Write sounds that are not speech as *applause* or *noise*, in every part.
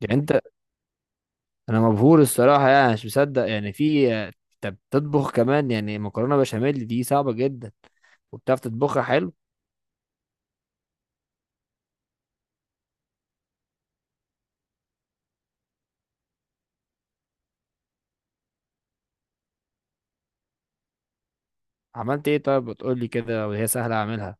يعني انت انا مبهور الصراحه، يعني مش مصدق، يعني في انت بتطبخ كمان؟ يعني مكرونه بشاميل دي صعبه جدا، وبتعرف تطبخها حلو. عملت ايه طيب؟ بتقول لي كده وهي سهله اعملها.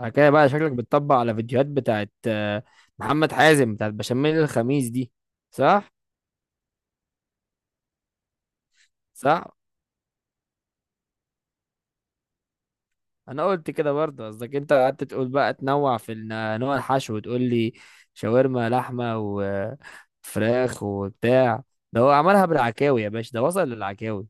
بعد كده بقى شكلك بتطبق على فيديوهات بتاعت محمد حازم بتاعت بشاميل الخميس دي، صح؟ صح. انا قلت كده برضه، قصدك انت قعدت تقول بقى تنوع في نوع الحشو وتقول لي شاورما لحمه وفراخ وبتاع، ده هو عملها بالعكاوي يا باشا، ده وصل للعكاوي.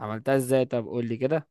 عملتها ازاي؟ طب قول لي كده.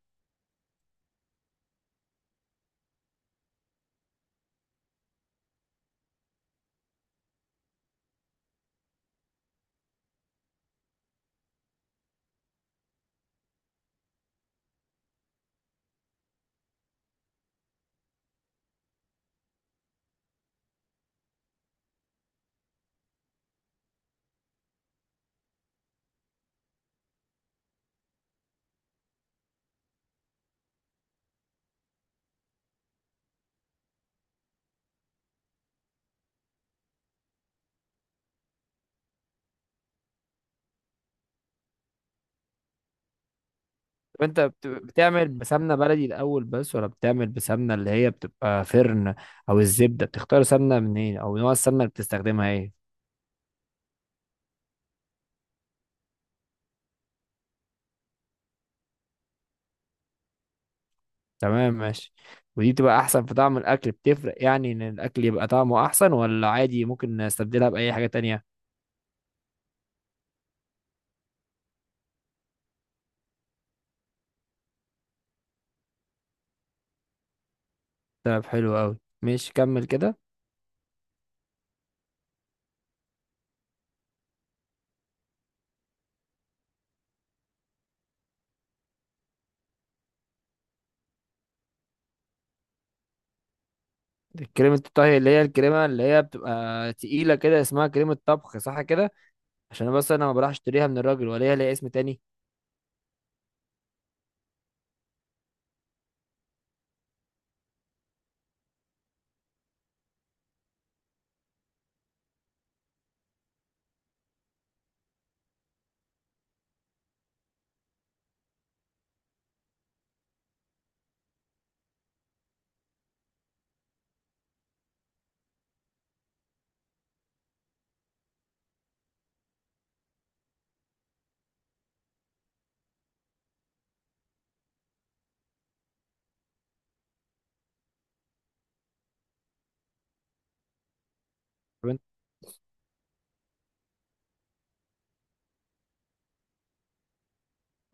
طب انت بتعمل بسمنه بلدي الاول بس، ولا بتعمل بسمنه اللي هي بتبقى فرن، او الزبده؟ بتختار سمنه منين؟ او نوع السمنه اللي بتستخدمها ايه؟ تمام، ماشي. ودي بتبقى احسن في طعم الاكل؟ بتفرق يعني ان الاكل يبقى طعمه احسن، ولا عادي ممكن نستبدلها باي حاجه تانية؟ طب حلو قوي، ماشي، كمل كده. كريمة الطهي اللي هي الكريمة اللي هي بتبقى تقيلة كده، اسمها كريمة طبخ، صح كده؟ عشان بس انا ما بروحش اشتريها من الراجل، ولا هي ليها اسم تاني؟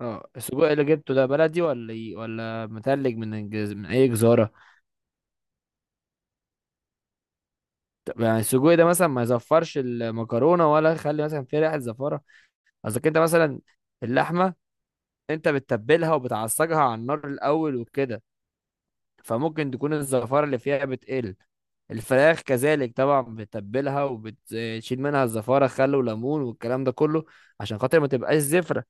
اه، السجق اللي جبته ده بلدي ولا متلج، من اي جزاره؟ طب يعني السجق ده مثلا ما يزفرش المكرونه، ولا يخلي مثلا فيه ريحه زفاره؟ قصدك انت مثلا اللحمه، انت بتتبلها وبتعصجها على النار الاول وكده، فممكن تكون الزفاره اللي فيها بتقل. الفراخ كذلك طبعا بتتبلها وبتشيل منها الزفاره، خل وليمون والكلام ده كله، عشان خاطر ما تبقاش زفره.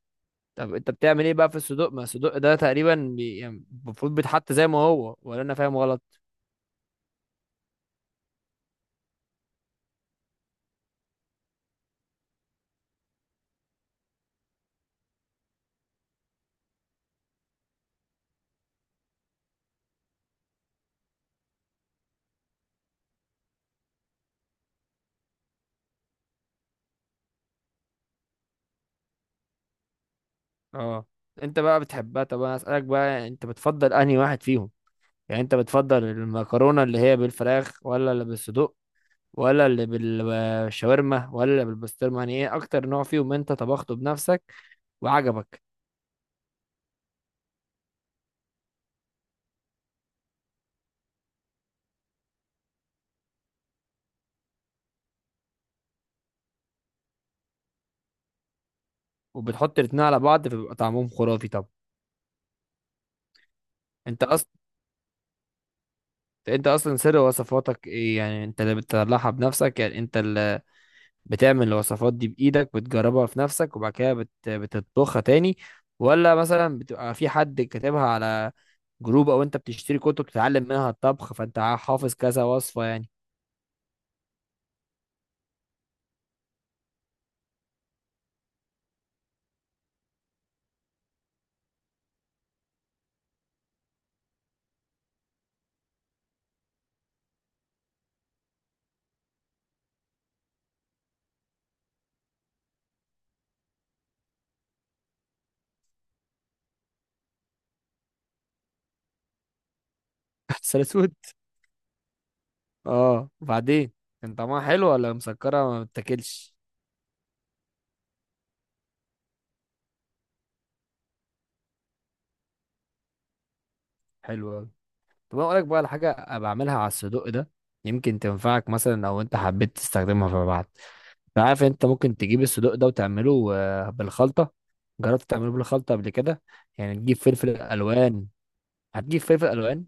طب انت بتعمل ايه بقى في الصدوق؟ ما الصدوق ده تقريبا يعني المفروض بيتحط زي ما هو، ولا انا فاهم غلط؟ اه. انت بقى بتحبها، طب انا اسالك بقى، انت بتفضل انهي واحد فيهم؟ يعني انت بتفضل المكرونه اللي هي بالفراخ، ولا اللي بالصدوق، ولا اللي بالشاورما، ولا اللي بالبسطرمه؟ يعني ايه اكتر نوع فيهم انت طبخته بنفسك وعجبك؟ وبتحط الاتنين على بعض فبيبقى طعمهم خرافي؟ طب انت اصلا، انت اصلا سر وصفاتك ايه؟ يعني انت اللي بتطلعها بنفسك، يعني انت بتعمل الوصفات دي بإيدك بتجربها في نفسك وبعد كده بتطبخها تاني، ولا مثلا بتبقى في حد كاتبها على جروب، او انت بتشتري كتب تتعلم منها الطبخ فانت حافظ كذا وصفة يعني؟ *laughs* عسل اسود. اه، وبعدين؟ كان طعمها حلو ولا مسكرة ما بتاكلش؟ حلو اوي. طب انا اقولك بقى على حاجة بعملها على الصدق ده، يمكن تنفعك مثلا لو انت حبيت تستخدمها فيما بعد. أنا عارف انت ممكن تجيب الصدوق ده وتعمله بالخلطة. جربت تعمله بالخلطة قبل كده؟ يعني تجيب فلفل الوان. هتجيب فلفل الوان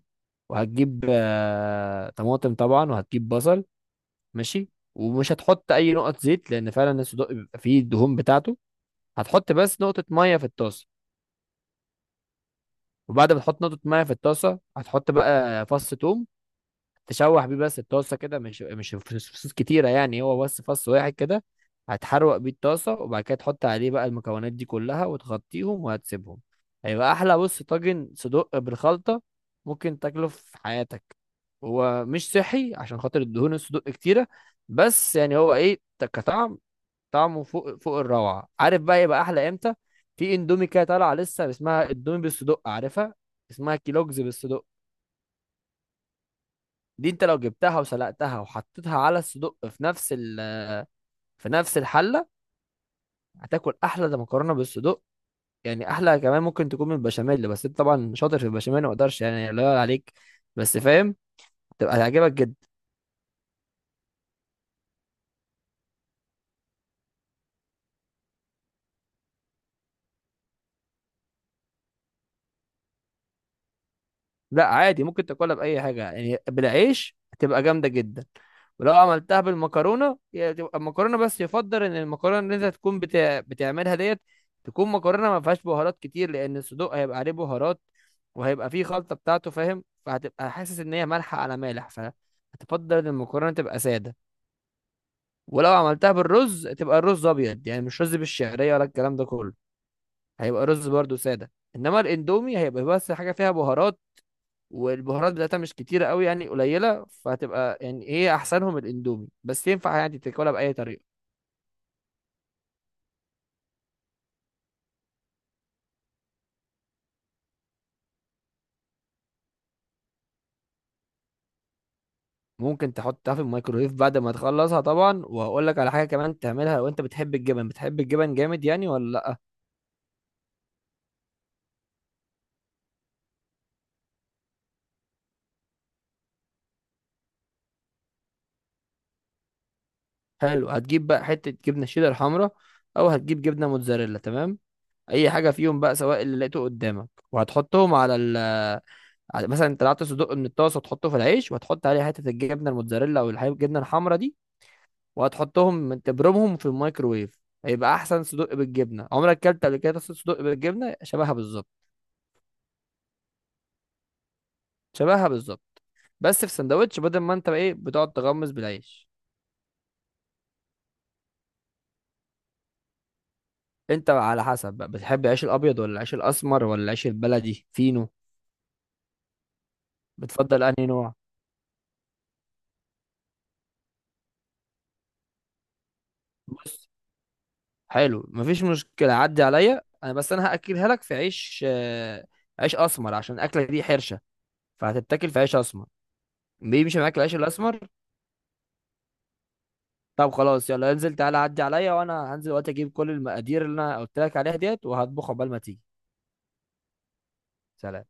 وهتجيب طماطم طبعا وهتجيب بصل. ماشي. ومش هتحط اي نقط زيت، لان فعلا الصدوق بيبقى فيه الدهون بتاعته. هتحط بس نقطة مية في الطاسة، وبعد ما تحط نقطة مية في الطاسة هتحط بقى فص توم، تشوح بيه بس الطاسه كده، مش فصوص كتيره يعني، هو بس فص واحد كده. هتحروق بيه الطاسه وبعد كده تحط عليه بقى المكونات دي كلها وتغطيهم وهتسيبهم. هيبقى احلى، بص طاجن صدق بالخلطه ممكن تاكله في حياتك. هو مش صحي عشان خاطر الدهون الصدوق كتيره، بس يعني هو ايه كطعم، طعمه فوق فوق الروعه. عارف بقى يبقى احلى امتى؟ في اندومي كده طالعه لسه اسمها اندومي بالصدق، عارفها؟ اسمها كيلوجز بالصدق. دي انت لو جبتها وسلقتها وحطيتها على الصدق في في نفس الحله، هتاكل احلى ده مكرونه بالصدق. يعني احلى كمان ممكن تكون من البشاميل، بس انت طبعا شاطر في البشاميل ما اقدرش يعني، لا يعلى عليك. بس فاهم، تبقى هتعجبك جدا. لا، عادي ممكن تاكلها باي حاجه يعني. بالعيش هتبقى جامده جدا، ولو عملتها بالمكرونه هي تبقى المكرونه بس، يفضل ان المكرونه اللي انت تكون بتعملها ديت تكون مكرونه ما فيهاش بهارات كتير، لان الصدوق هيبقى عليه بهارات وهيبقى فيه خلطه بتاعته فاهم، فهتبقى حاسس ان هي مالحه على مالح، فهتفضل ان المكرونه تبقى ساده. ولو عملتها بالرز تبقى الرز ابيض، يعني مش رز بالشعريه ولا الكلام ده كله، هيبقى رز برضو ساده. انما الاندومي هيبقى بس حاجه فيها بهارات، والبهارات بتاعتها مش كتيرة قوي يعني قليلة، فهتبقى يعني هي أحسنهم الأندومي، بس ينفع يعني تاكلها بأي طريقة. ممكن تحطها في الميكرويف بعد ما تخلصها طبعا، وهقول لك على حاجة كمان تعملها. لو أنت بتحب الجبن، بتحب الجبن جامد يعني ولا لأ؟ حلو، هتجيب بقى حتة جبنة شيدر حمرا، أو هتجيب جبنة موتزاريلا، تمام. أي حاجة فيهم بقى، سواء اللي لقيته قدامك، وهتحطهم مثلا انت طلعت صدق من الطاسة وتحطه في العيش، وهتحط عليه حتة الجبنة الموتزاريلا أو الجبنة الحمرا دي، وهتحطهم تبرمهم في الميكروويف. هيبقى احسن صدق بالجبنه عمرك اكلت قبل كده. طاسه صدق بالجبنه شبهها بالظبط. شبهها بالظبط، بس في سندوتش، بدل ما انت بقى ايه بتقعد تغمس بالعيش. انت بقى على حسب، بقى بتحب العيش الابيض ولا العيش الاسمر ولا العيش البلدي فينو؟ بتفضل انهي نوع؟ بص، حلو مفيش مشكله، عدي عليا انا، بس انا هاكلها لك في عيش عيش اسمر، عشان الاكله دي حرشه، فهتتاكل في عيش اسمر، بيمشي معاك العيش الاسمر. طب خلاص، يلا انزل تعالى عدي عليا، وانا هنزل دلوقتي اجيب كل المقادير اللي انا قلت لك عليها ديت وهطبخ عقبال ما تيجي. سلام.